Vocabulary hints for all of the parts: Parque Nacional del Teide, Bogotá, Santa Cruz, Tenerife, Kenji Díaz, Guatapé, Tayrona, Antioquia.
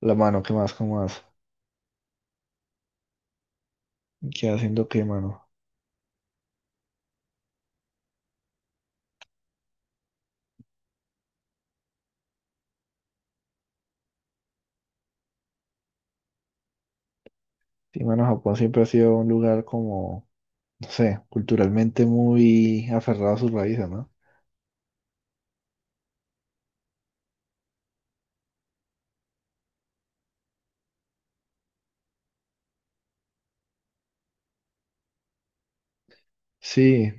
La mano, ¿qué más? ¿Cómo más? ¿Qué haciendo qué, mano? Sí, mano, Japón siempre ha sido un lugar como, no sé, culturalmente muy aferrado a sus raíces, ¿no? Sí,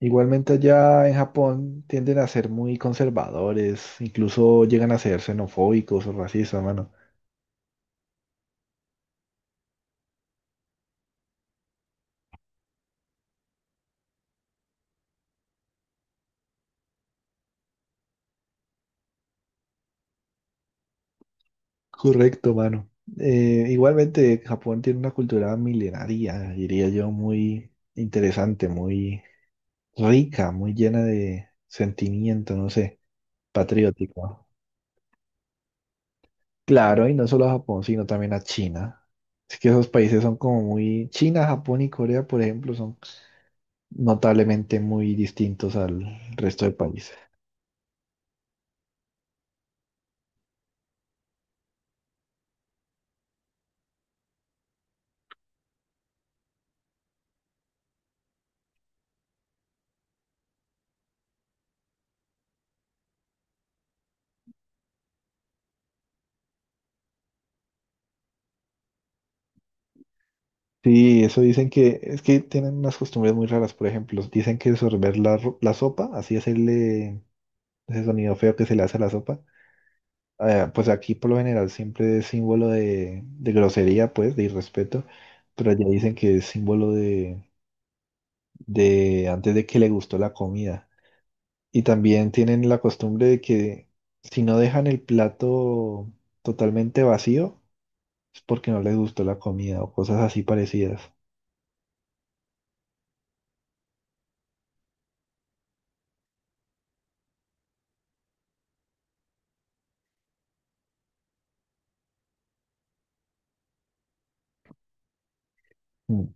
igualmente allá en Japón tienden a ser muy conservadores, incluso llegan a ser xenofóbicos o racistas, mano. Correcto, mano. Igualmente, Japón tiene una cultura milenaria, diría yo, muy interesante, muy rica, muy llena de sentimiento, no sé, patriótico. Claro, y no solo a Japón, sino también a China. Es que esos países son como muy... China, Japón y Corea, por ejemplo, son notablemente muy distintos al resto de países. Sí, eso dicen que es que tienen unas costumbres muy raras, por ejemplo, dicen que sorber la, la sopa, así hacerle ese sonido feo que se le hace a la sopa, pues aquí por lo general siempre es símbolo de grosería, pues, de irrespeto, pero allá dicen que es símbolo de antes de que le gustó la comida. Y también tienen la costumbre de que si no dejan el plato totalmente vacío, es porque no les gustó la comida o cosas así parecidas. Mm.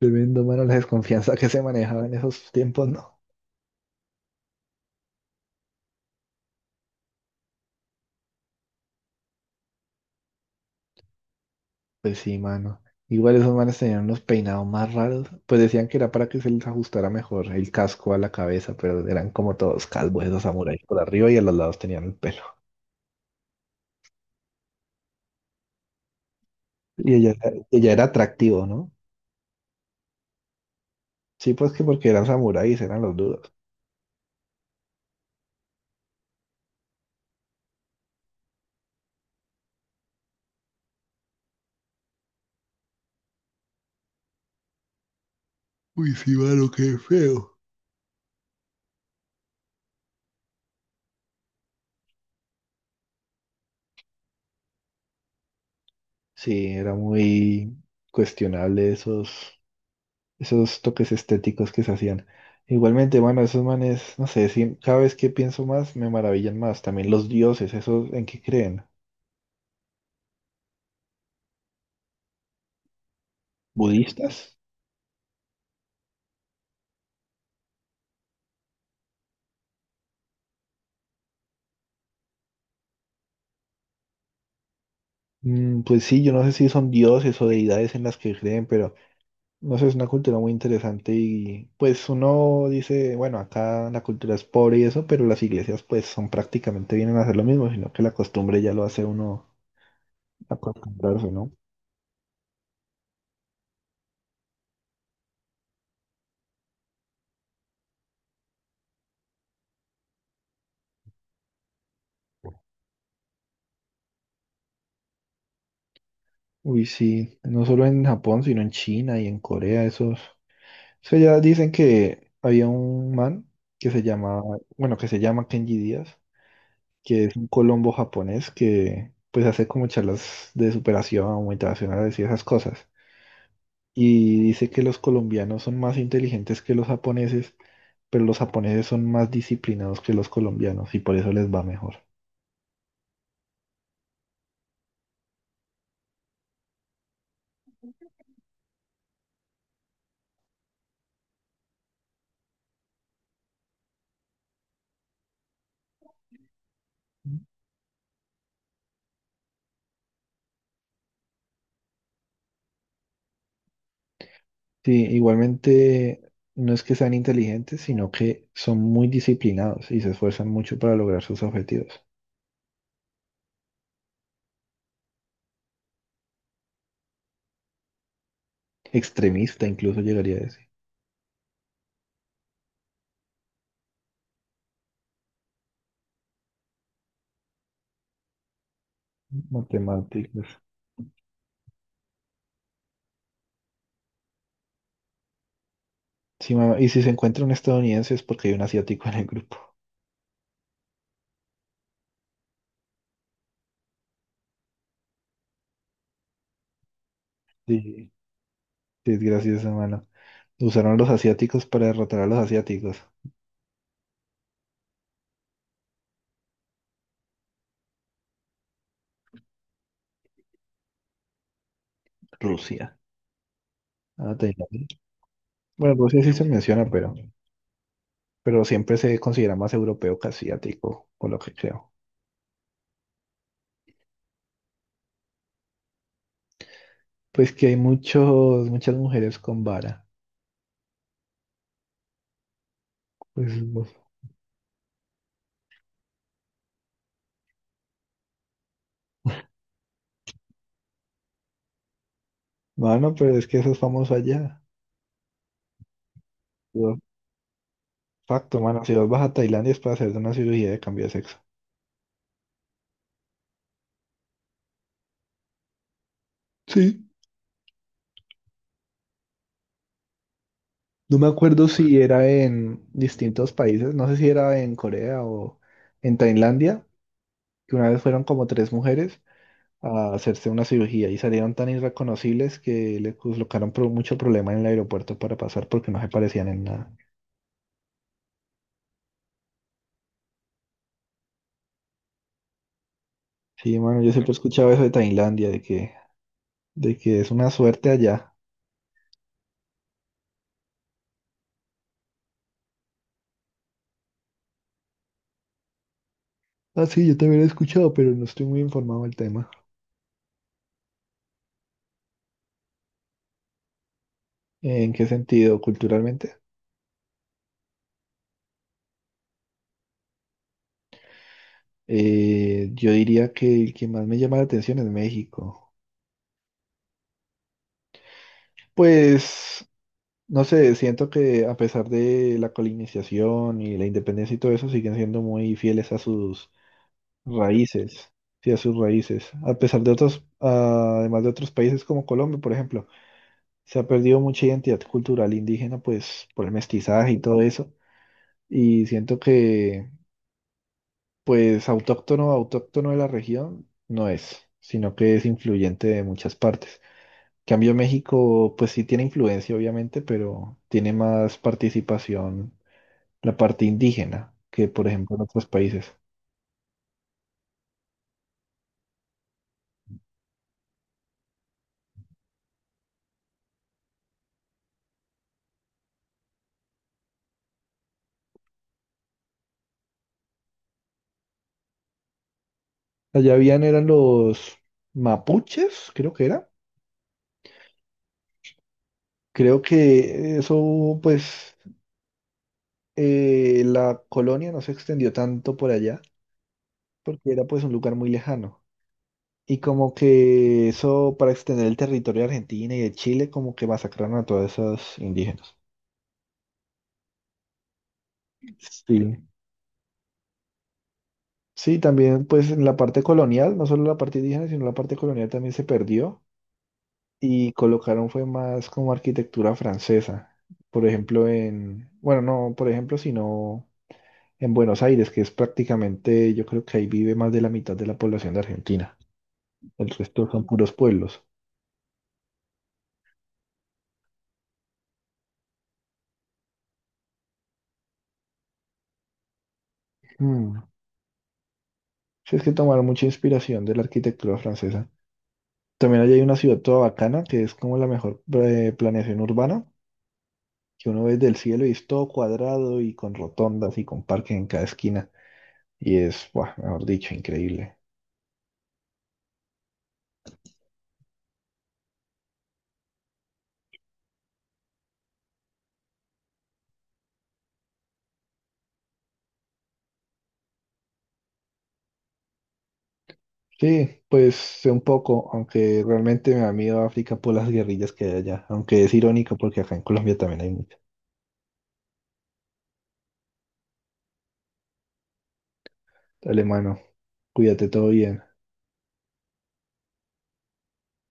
Tremendo, mano, la desconfianza que se manejaba en esos tiempos, ¿no? Pues sí, mano. Igual esos manes tenían unos peinados más raros. Pues decían que era para que se les ajustara mejor el casco a la cabeza, pero eran como todos calvos esos samuráis por arriba y a los lados tenían el pelo. Y ella era atractivo, ¿no? Sí, pues que porque eran samuráis, eran los duros. Uy, sí, mano, qué feo. Sí, era muy cuestionable esos, esos toques estéticos que se hacían. Igualmente, bueno, esos manes, no sé, sí, cada vez que pienso más, me maravillan más. También los dioses, ¿esos en qué creen? ¿Budistas? Mm, pues sí, yo no sé si son dioses o deidades en las que creen, pero no sé, es una cultura muy interesante y pues uno dice, bueno, acá la cultura es pobre y eso, pero las iglesias pues son prácticamente vienen a hacer lo mismo, sino que la costumbre ya lo hace uno acostumbrarse, ¿no? Uy, sí, no solo en Japón, sino en China y en Corea, esos. O sea, ya dicen que había un man que se llamaba, bueno, que se llama Kenji Díaz, que es un colombo japonés que pues hace como charlas de superación motivacionales y esas cosas. Y dice que los colombianos son más inteligentes que los japoneses, pero los japoneses son más disciplinados que los colombianos y por eso les va mejor. Sí, igualmente no es que sean inteligentes, sino que son muy disciplinados y se esfuerzan mucho para lograr sus objetivos. Extremista incluso llegaría a decir. Matemáticas. Sí, y si se encuentra un estadounidense es porque hay un asiático en el grupo. Sí, sí, es gracioso, hermano. Usaron los asiáticos para derrotar a los asiáticos. Rusia. Ah, Tailandia. Bueno, Rusia sí se menciona, pero siempre se considera más europeo que asiático, por lo que creo. Pues que hay muchos, muchas mujeres con vara. Pues, pues, mano, pero es que eso es famoso allá. Yo- Facto, mano, si vos vas a Tailandia es para hacerte una cirugía de cambio de sexo. Sí. No me acuerdo si era en distintos países, no sé si era en Corea o en Tailandia, que una vez fueron como tres mujeres a hacerse una cirugía y salieron tan irreconocibles que le colocaron mucho problema en el aeropuerto para pasar porque no se parecían en nada. Sí, mano, yo siempre he escuchado eso de Tailandia, de que es una suerte allá. Ah, sí, yo también lo he escuchado, pero no estoy muy informado del tema. ¿En qué sentido? Culturalmente. Yo diría que el que más me llama la atención es México. Pues, no sé, siento que a pesar de la colonización y la independencia y todo eso, siguen siendo muy fieles a sus raíces. Sí, a sus raíces. A pesar de otros, ah, además de otros países como Colombia, por ejemplo, se ha perdido mucha identidad cultural indígena, pues, por el mestizaje y todo eso. Y siento que pues autóctono, autóctono de la región no es, sino que es influyente de muchas partes. En cambio, México, pues sí tiene influencia, obviamente, pero tiene más participación la parte indígena que, por ejemplo, en otros países. Allá habían, eran los mapuches, creo que era. Creo que eso, pues, la colonia no se extendió tanto por allá, porque era pues un lugar muy lejano. Y como que eso para extender el territorio de Argentina y de Chile, como que masacraron a todas esas indígenas. Sí. Sí, también pues en la parte colonial, no solo la parte indígena, sino la parte colonial también se perdió y colocaron fue más como arquitectura francesa. Por ejemplo, en, bueno, no, por ejemplo, sino en Buenos Aires, que es prácticamente, yo creo que ahí vive más de la mitad de la población de Argentina. El resto son puros pueblos. Mm. Sí, es que tomaron mucha inspiración de la arquitectura francesa. También allá hay una ciudad toda bacana, que es como la mejor planeación urbana, que uno ve desde el cielo y es todo cuadrado y con rotondas y con parques en cada esquina. Y es, buah, mejor dicho, increíble. Sí, pues sé un poco, aunque realmente me da miedo África por las guerrillas que hay allá. Aunque es irónico porque acá en Colombia también hay muchas. Dale, mano, cuídate, todo bien.